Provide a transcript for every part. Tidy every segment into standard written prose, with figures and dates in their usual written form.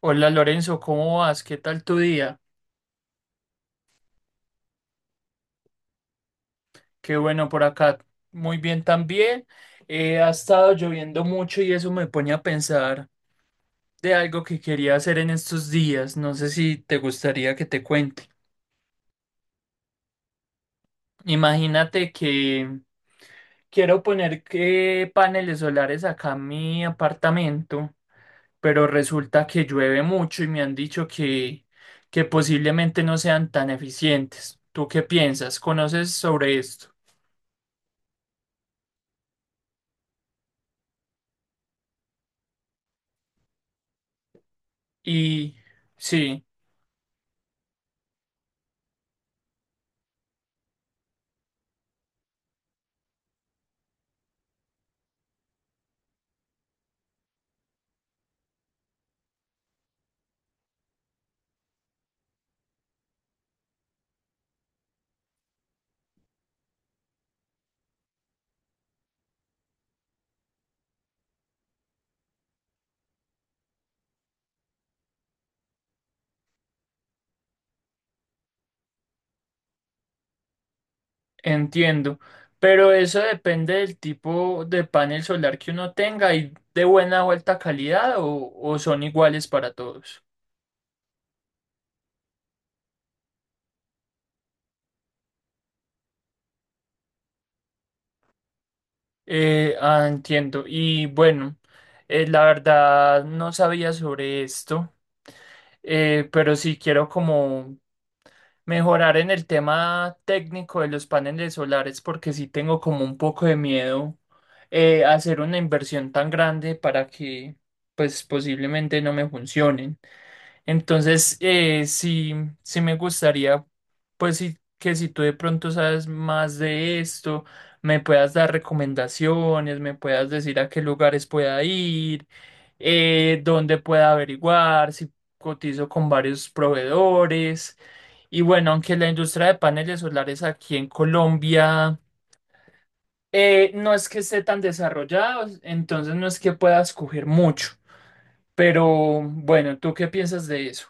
Hola Lorenzo, ¿cómo vas? ¿Qué tal tu día? Qué bueno por acá. Muy bien también. Ha estado lloviendo mucho y eso me pone a pensar de algo que quería hacer en estos días. No sé si te gustaría que te cuente. Imagínate que quiero poner que paneles solares acá en mi apartamento, pero resulta que llueve mucho y me han dicho que posiblemente no sean tan eficientes. ¿Tú qué piensas? ¿Conoces sobre esto? Y sí, entiendo, pero eso depende del tipo de panel solar que uno tenga y de buena o alta calidad o son iguales para todos. Entiendo. Y bueno, la verdad no sabía sobre esto, pero sí quiero como mejorar en el tema técnico de los paneles solares porque sí tengo como un poco de miedo hacer una inversión tan grande para que pues posiblemente no me funcionen. Entonces, sí, sí me gustaría, pues sí, que si tú de pronto sabes más de esto, me puedas dar recomendaciones, me puedas decir a qué lugares pueda ir, dónde pueda averiguar, si cotizo con varios proveedores. Y bueno, aunque la industria de paneles solares aquí en Colombia no es que esté tan desarrollada, entonces no es que pueda escoger mucho. Pero bueno, ¿tú qué piensas de eso?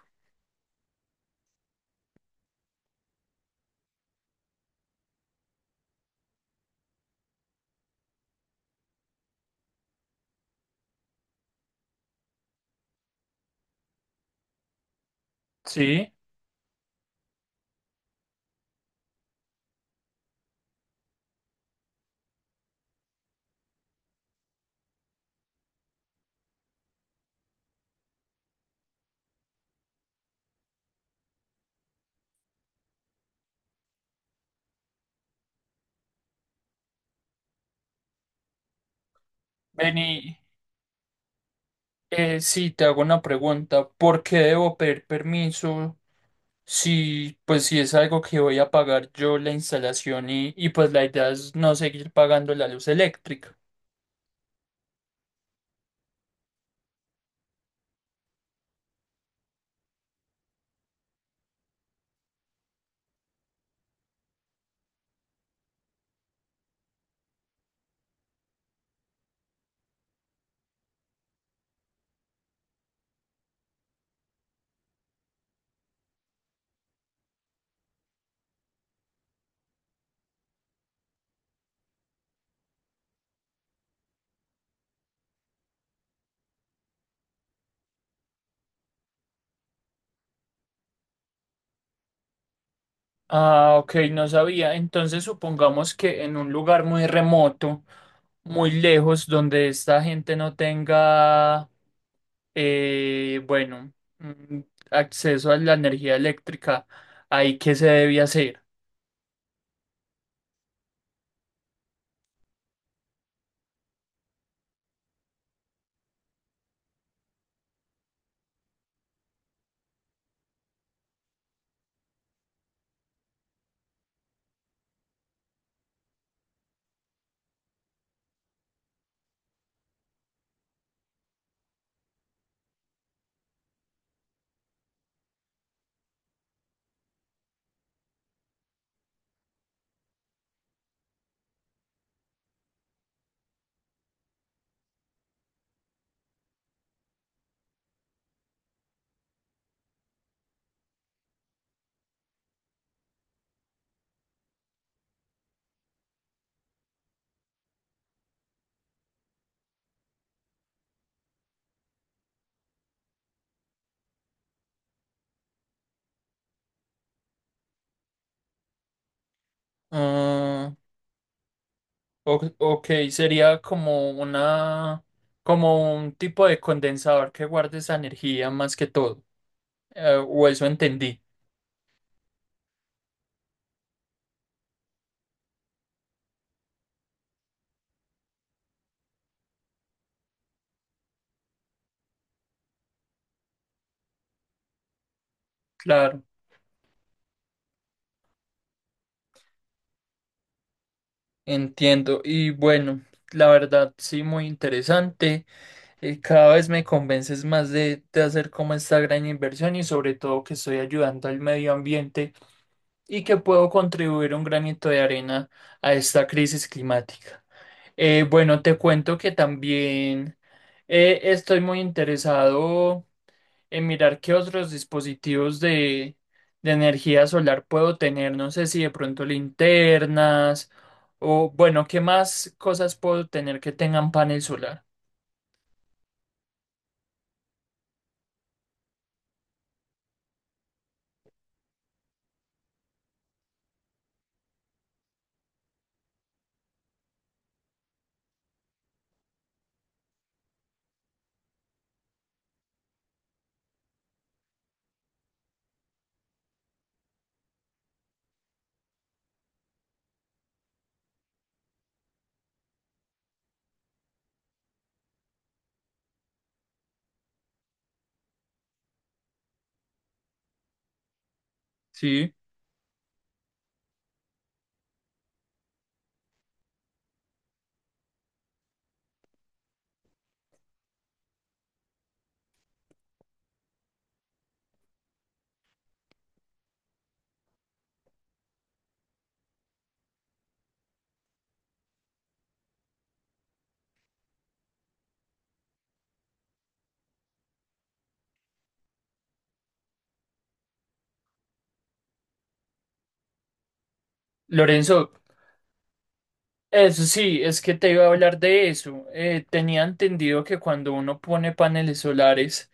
Sí. Vení, sí, te hago una pregunta. ¿Por qué debo pedir permiso si, pues, si es algo que voy a pagar yo la instalación y pues la idea es no seguir pagando la luz eléctrica? Ah, ok, no sabía. Entonces supongamos que en un lugar muy remoto, muy lejos, donde esta gente no tenga, eh, bueno, mm, acceso a la energía eléctrica, ¿ahí qué se debe hacer? Ah, ok, sería como una, como un tipo de condensador que guarde esa energía más que todo. O eso entendí. Claro, entiendo. Y bueno, la verdad, sí, muy interesante. Cada vez me convences más de hacer como esta gran inversión y sobre todo que estoy ayudando al medio ambiente y que puedo contribuir un granito de arena a esta crisis climática. Bueno, te cuento que también estoy muy interesado en mirar qué otros dispositivos de energía solar puedo tener. No sé si de pronto linternas o, bueno, qué más cosas puedo tener que tengan panel solar. Sí. Lorenzo, eso sí, es que te iba a hablar de eso. Tenía entendido que cuando uno pone paneles solares,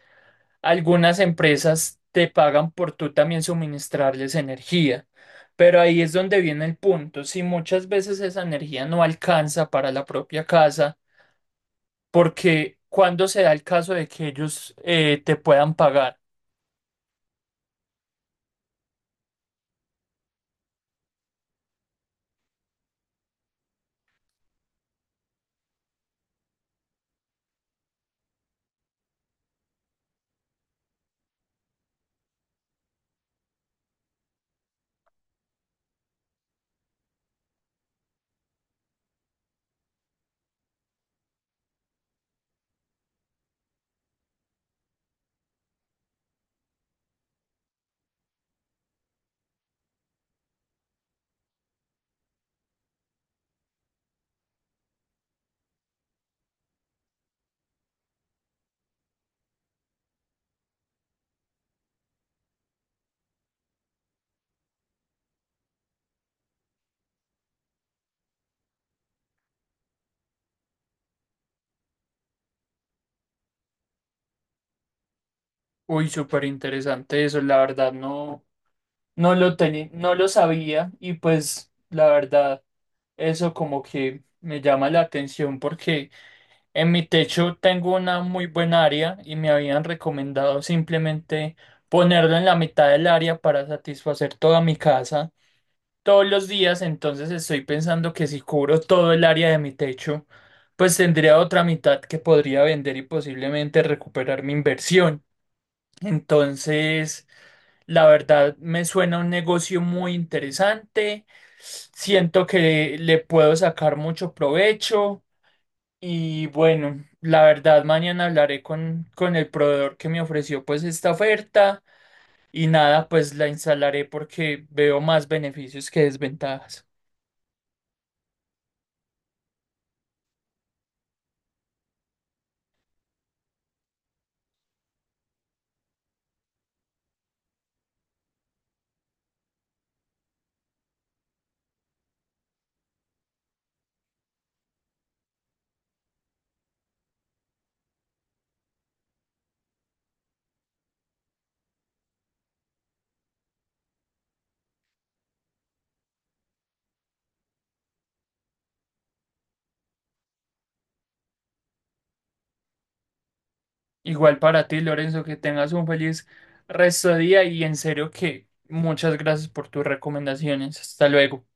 algunas empresas te pagan por tú también suministrarles energía, pero ahí es donde viene el punto. Si muchas veces esa energía no alcanza para la propia casa, ¿porque cuando se da el caso de que ellos te puedan pagar? Uy, súper interesante eso, la verdad no, no lo tenía, no lo sabía y pues la verdad eso como que me llama la atención porque en mi techo tengo una muy buena área y me habían recomendado simplemente ponerlo en la mitad del área para satisfacer toda mi casa todos los días, entonces estoy pensando que si cubro todo el área de mi techo, pues tendría otra mitad que podría vender y posiblemente recuperar mi inversión. Entonces, la verdad me suena un negocio muy interesante, siento que le puedo sacar mucho provecho. Y bueno, la verdad, mañana hablaré con el proveedor que me ofreció pues esta oferta y nada, pues la instalaré porque veo más beneficios que desventajas. Igual para ti, Lorenzo, que tengas un feliz resto de día y en serio que muchas gracias por tus recomendaciones. Hasta luego.